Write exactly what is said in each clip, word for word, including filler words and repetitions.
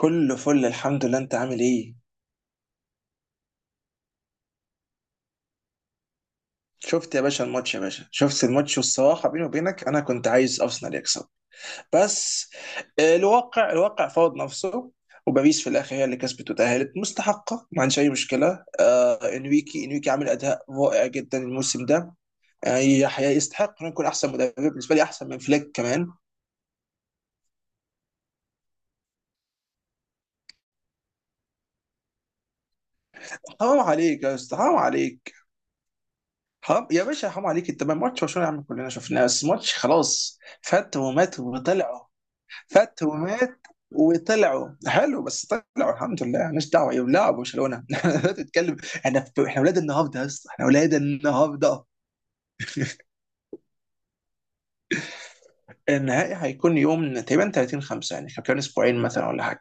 كله فل الحمد لله، انت عامل ايه؟ شفت يا باشا الماتش يا باشا، شفت الماتش، والصراحه بيني وبينك انا كنت عايز ارسنال يكسب بس. آه، الواقع الواقع فرض نفسه، وباريس في الاخر هي اللي كسبت وتاهلت مستحقه، ما عندش اي مشكله. آه انريكي انريكي عامل اداء رائع جدا الموسم ده. آه، يح- يستحق انه يكون احسن مدرب، بالنسبه لي احسن من فليك كمان. حرام عليك يا استاذ، حرام عليك، حرام يا باشا، حرام عليك. انت ما ماتش برشلونه يا عم كلنا شفناه، بس ماتش خلاص فات ومات وطلع. فات ومات وطلعوا حلو بس طلعوا، الحمد لله، مالناش دعوه ايه لعبوا برشلونه. لا تتكلم. احنا احنا اولاد النهارده يا اسطى، احنا اولاد النهارده. النهائي هيكون يوم تقريبا تلاتين خمسة، يعني كان اسبوعين مثلا ولا حاجه.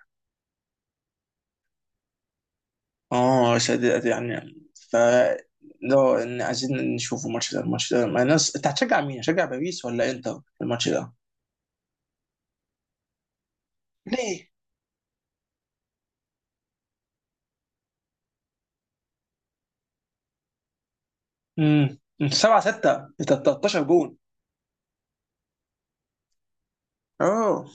اه شديد يعني. ف لو إن عايزين نشوف الماتش ده الماتش ده مع ناس، انت هتشجع مين؟ هتشجع باريس ولا انتر في الماتش ده؟ ليه؟ امم سبعة ستة تلتاشر جون. اه،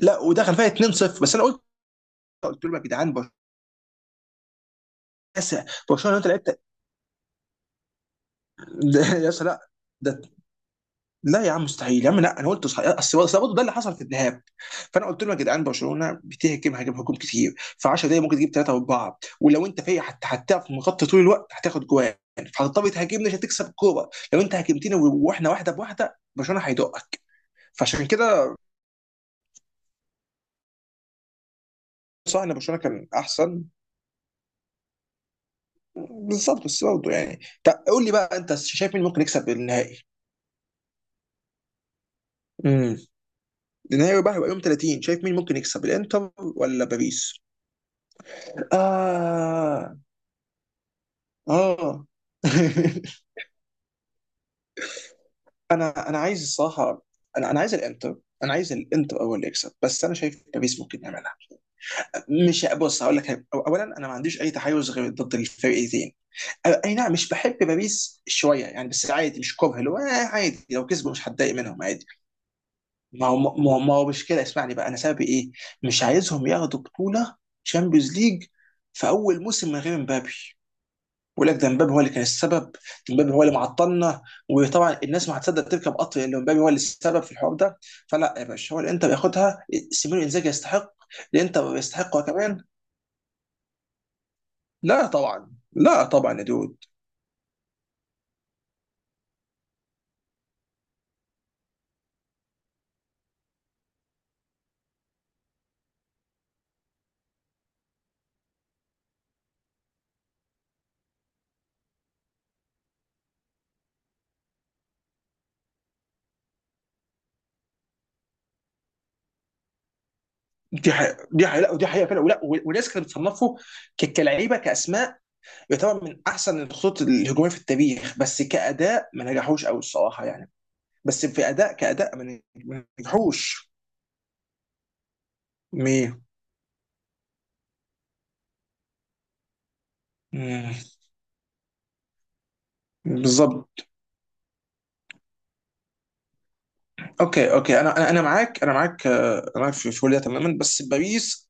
لا، ودخل فيها اتنين صفر بس. انا قلت قلت لهم يا جدعان، اسا، برشلونه لو انت لعبت. ده يا اسا لا، ده، لا يا عم مستحيل يا عم، لا، انا قلت صحيح. اصل اصل برضه ده اللي حصل في الذهاب، فانا قلت لهم يا جدعان، برشلونه بتهجم، هجم هجوم كتير في عشر دقايق ممكن تجيب ثلاثه واربعه، ولو انت فايق حتى هتعرف مغطي طول الوقت هتاخد جوان. فهتضطر تهاجمنا عشان تكسب الكوره، لو انت هاجمتنا واحنا واحده بواحده برشلونه هيدقك. فعشان كده. صح ان برشلونه كان احسن. بالظبط. بس برضه يعني، طب قول لي بقى، انت شايف مين ممكن يكسب النهائي؟ امم، نهائي بقى هيبقى يوم تلاتين، شايف مين ممكن يكسب، الانتر ولا باريس؟ اه. اه. انا انا عايز الصراحه. انا انا عايز الانتر. انا عايز الانتر اول اللي يكسب، بس انا شايف باريس ممكن يعملها. مش، بص، هقول لك حاجة. أو- اولا انا ما عنديش اي تحيز غير ضد الفرقتين. أ- اي نعم، مش بحب باريس شويه يعني، بس عادي، مش كره، اللي هو آه، عادي، لو كسبوا مش هتضايق منهم، عادي. ما هو ما هو ما هو مش كده، اسمعني بقى انا سببي ايه. مش عايزهم ياخدوا بطوله شامبيونز ليج في اول موسم من غير مبابي. بقول لك، ده مبابي هو اللي كان السبب، ده مبابي هو اللي معطلنا. وطبعا الناس ما هتصدق تركب قطر اللي مبابي هو اللي السبب في الحوار ده. فلا يا باشا، هو الانتر ياخدها، سيمينو انزاجي يستحق، الانتر يستحق هو كمان. لا طبعا، لا طبعا يا دود. دي حقيقة دي حقيقة، لا، ودي حقيقة فعلا، ولا، وناس كانت بتصنفه ك- كلعيبة، كأسماء يعتبر من احسن الخطوط الهجوميه في التاريخ، بس كاداء ما نجحوش قوي الصراحه يعني. بس في اداء كاداء ما نج- ما نجحوش. مي مم. بالظبط. اوكي اوكي، انا انا أنا معاك، انا معاك آه، انا معاك في في كل ده تماما. بس باريس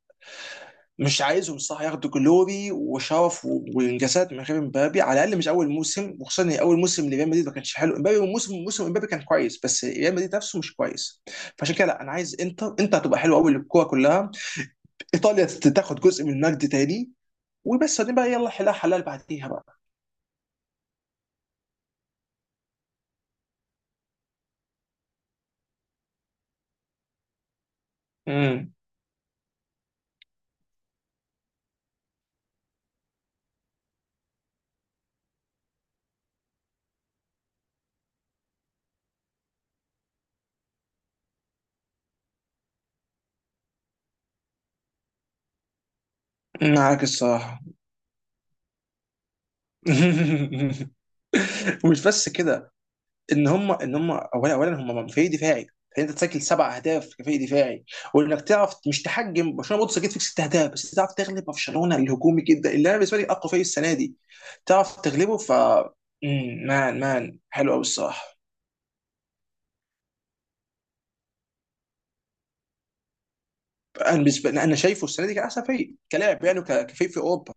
مش عايزهم صح ياخدوا جلوري وشرف و- وانجازات من غير امبابي، على الاقل مش اول موسم، وخصوصا ان اول موسم لريال مدريد ما كانش حلو امبابي. موسم موسم امبابي كان كويس، بس ريال مدريد نفسه مش كويس. فعشان كده لا، انا عايز انتر. انت هتبقى حلو قوي للكوره كلها، ايطاليا تاخد جزء من المجد تاني. وبس بعدين بقى يلا، حلال حلال بعديها بقى. امم، معاك الصراحه. ومش بس كده. ان هم ان هم اولا اولا هم فريق دفاعي، فانت تسجل سبع اهداف كفريق دفاعي، وانك تعرف مش تحجم برشلونه، برضه سجلت فيك ست اهداف، بس تعرف تغلب برشلونه الهجومي جدا اللي انا بالنسبه لي اقوى فريق السنه دي، تعرف تغلبه. ف مم، مان مان حلو قوي الصراحه. انا بالنسبه لي انا شايفه السنه دي كان احسن فريق كلاعب يعني، وك- كفريق في اوروبا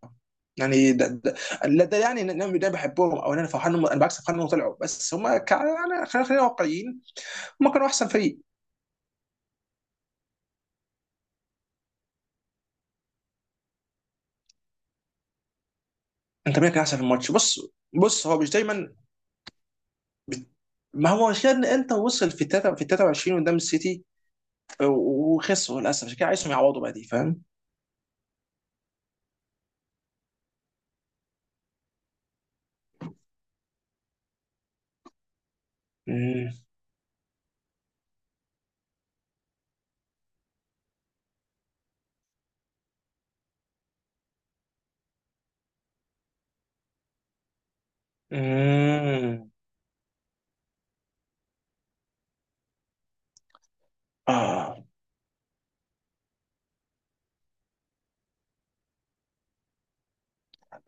يعني. ده ده, لا ده يعني ان انا ده بحبهم او إن انا فرحان إنهم- انا بالعكس فرحان انهم طلعوا، بس هم كا... يعني خلينا خلينا واقعيين، هم كانوا احسن فريق. انت مين كان احسن في الماتش؟ بص بص، هو مش دايما. بت- ما هو عشان انت وصل في تلاتة في تلاتة وعشرين قدام السيتي، و- وخسروا للاسف، عشان كده عايزهم يعوضوا بقى دي، فاهم؟ امم. امم. اه،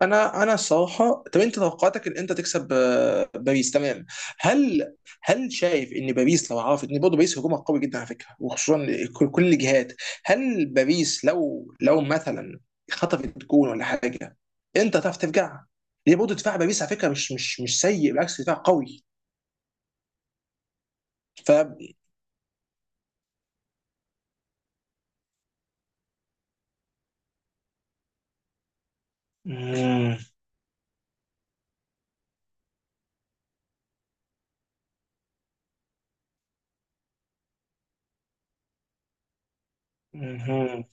انا انا الصراحه، طب انت توقعاتك ان انت تكسب آه، باريس، تمام؟ هل هل شايف ان باريس لو عرفت ان برضه باريس هجومها قوي جدا على فكره، وخصوصا كل كل الجهات؟ هل باريس لو لو مثلا خطفت جون ولا حاجه، انت هتعرف ترجع؟ هي برضه دفاع باريس على فكره مش مش مش سيء، بالعكس دفاع قوي. ف مهم. مهم.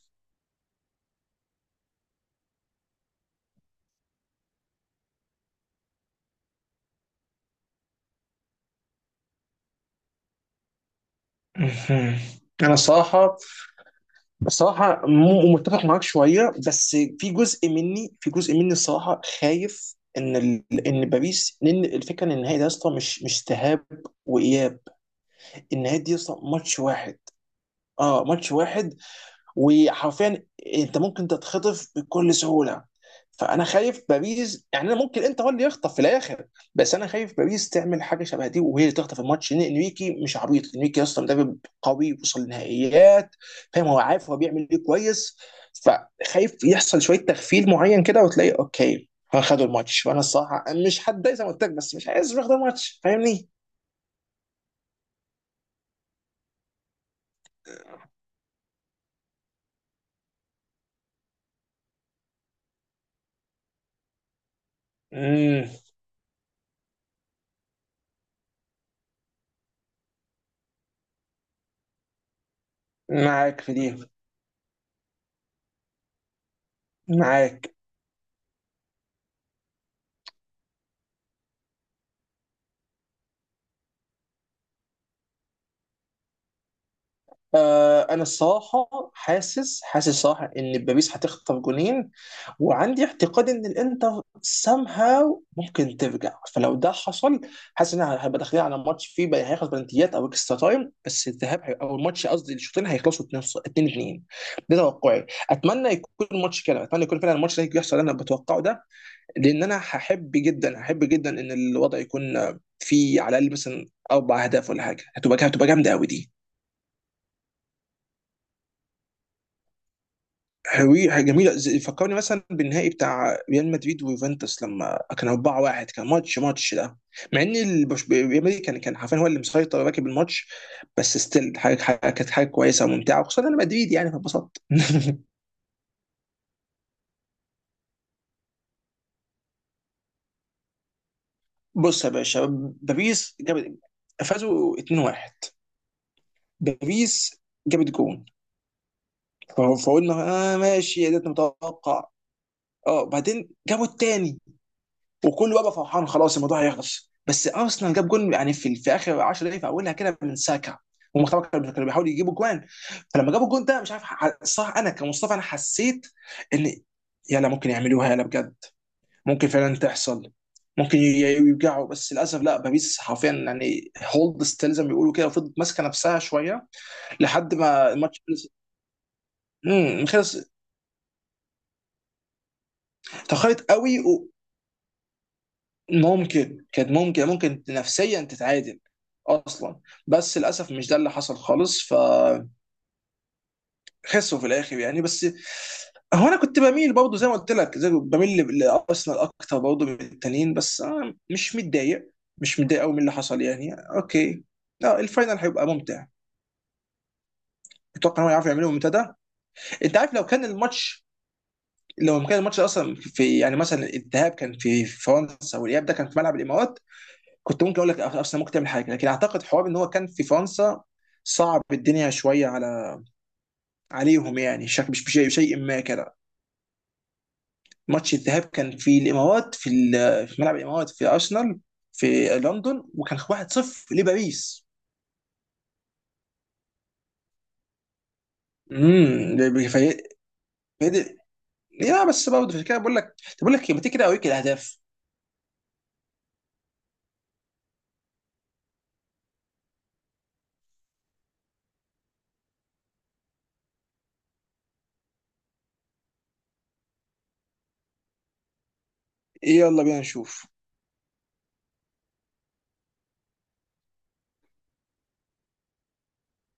مهم. انا الصراحه، الصراحة م- متفق معاك شوية، بس في جزء مني، في جزء مني الصراحة خايف ان ال... ان باريس، لان الفكرة ان النهائي ده يا اسطى مش مش ذهاب وإياب، النهائي دي يا اسطى ماتش واحد. اه ماتش واحد. وحرفيا انت ممكن تتخطف بكل سهوله. فانا خايف باريس يعني، انا ممكن انت هو اللي يخطف في الاخر. بس انا خايف باريس تعمل حاجه شبه دي، وهي اللي تخطف الماتش، لان انريكي مش عبيط، انريكي اصلا مدرب قوي وصل لنهائيات، فاهم؟ هو عارف هو بيعمل ايه كويس. فخايف يحصل شويه تغفيل معين كده، وتلاقي اوكي خدوا الماتش، وانا الصراحه مش هتضايق زي ما قلت لك، بس مش عايز ياخدوا الماتش، فاهمني؟ امم، معاك في دي، معاك. آه، انا الصراحه حاسس حاسس صراحه ان باريس هتخطف جونين. وعندي اعتقاد ان الانتر somehow ممكن ترجع، فلو ده حصل حاسس ان انا هبقى داخلين على ماتش فيه بقى هيخلص بلنتيات او اكسترا تايم. بس الذهاب هي- او الماتش قصدي الشوطين هيخلصوا اتنين اتنين. ده توقعي، اتمنى يكون الماتش كده، اتمنى يكون فعلا الماتش ده يحصل اللي انا بتوقعه ده، لان انا هحب جدا هحب جدا ان الوضع يكون آه، فيه على الاقل مثلا اربع اهداف ولا حاجه، هتبقى هتبقى جامده قوي دي. هوي حاجة جميلة، زي- فكرني مثلا بالنهائي بتاع ريال مدريد ويوفنتوس لما كان اربعة لواحد، كان ماتش، ماتش ده، مع ان البش- ريال مدريد كان كان حرفيا هو اللي مسيطر راكب الماتش، بس ستيل، حاجة حاجة- كانت حاجة كويسة وممتعة، وخصوصا انا مدريد يعني فانبسطت. بص يا باشا، باريس جابت، فازوا اتنين واحد. باريس جابت جون، ف- فقلنا اه ماشي ده متوقع. اه، بعدين جابوا التاني، وكله بقى فرحان خلاص الموضوع هيخلص. بس ارسنال جاب جول يعني في، في اخر عشر دقائق، في اولها كده من ساكا. هم طبعا كانوا كانوا بيحاولوا يجيبوا جوان، فلما جابوا الجون ده مش عارف ح- صح، انا كمصطفى انا حسيت ان يلا ممكن يعملوها، يلا بجد ممكن فعلا تحصل، ممكن ي- ي- يرجعوا، بس للاسف لا، باريس حرفيا يعني هولد ستيل زي ما بيقولوا كده، وفضلت ماسكه نفسها شويه لحد ما الماتش خلص. امم خلص. تاخرت قوي. ممكن، كانت ممكن، ممكن نفسيا تتعادل اصلا، بس للاسف مش ده اللي حصل خالص، فخسروا في الاخر يعني، بس هو انا كنت بميل برضه زي ما قلت لك، زي بميل ل- لارسنال اكتر برضه من التانيين، بس أنا مش متضايق، مش متضايق قوي من اللي حصل يعني، اوكي. لا الفاينل هيبقى ممتع. اتوقع ان هو يعرف يعملوا ممتدى. انت عارف، لو كان الماتش لو كان الماتش اصلا في يعني مثلا الذهاب كان في فرنسا، والاياب ده كان في ملعب الامارات، كنت ممكن اقول لك ارسنال ممكن تعمل حاجه، لكن اعتقد حوار ان هو كان في فرنسا صعب الدنيا شويه على عليهم يعني، شكل مش بشيء، شيء ما كده. ماتش الذهاب كان في الامارات في، ال- في ملعب الامارات في ارسنال، في لندن، وكان واحد لصفر لباريس. امم. في... في... يا بس برضه عشان كده بقول لك، طب بقول لك إيه، ما تيجي كده اوريك الاهداف. يلا بينا نشوف.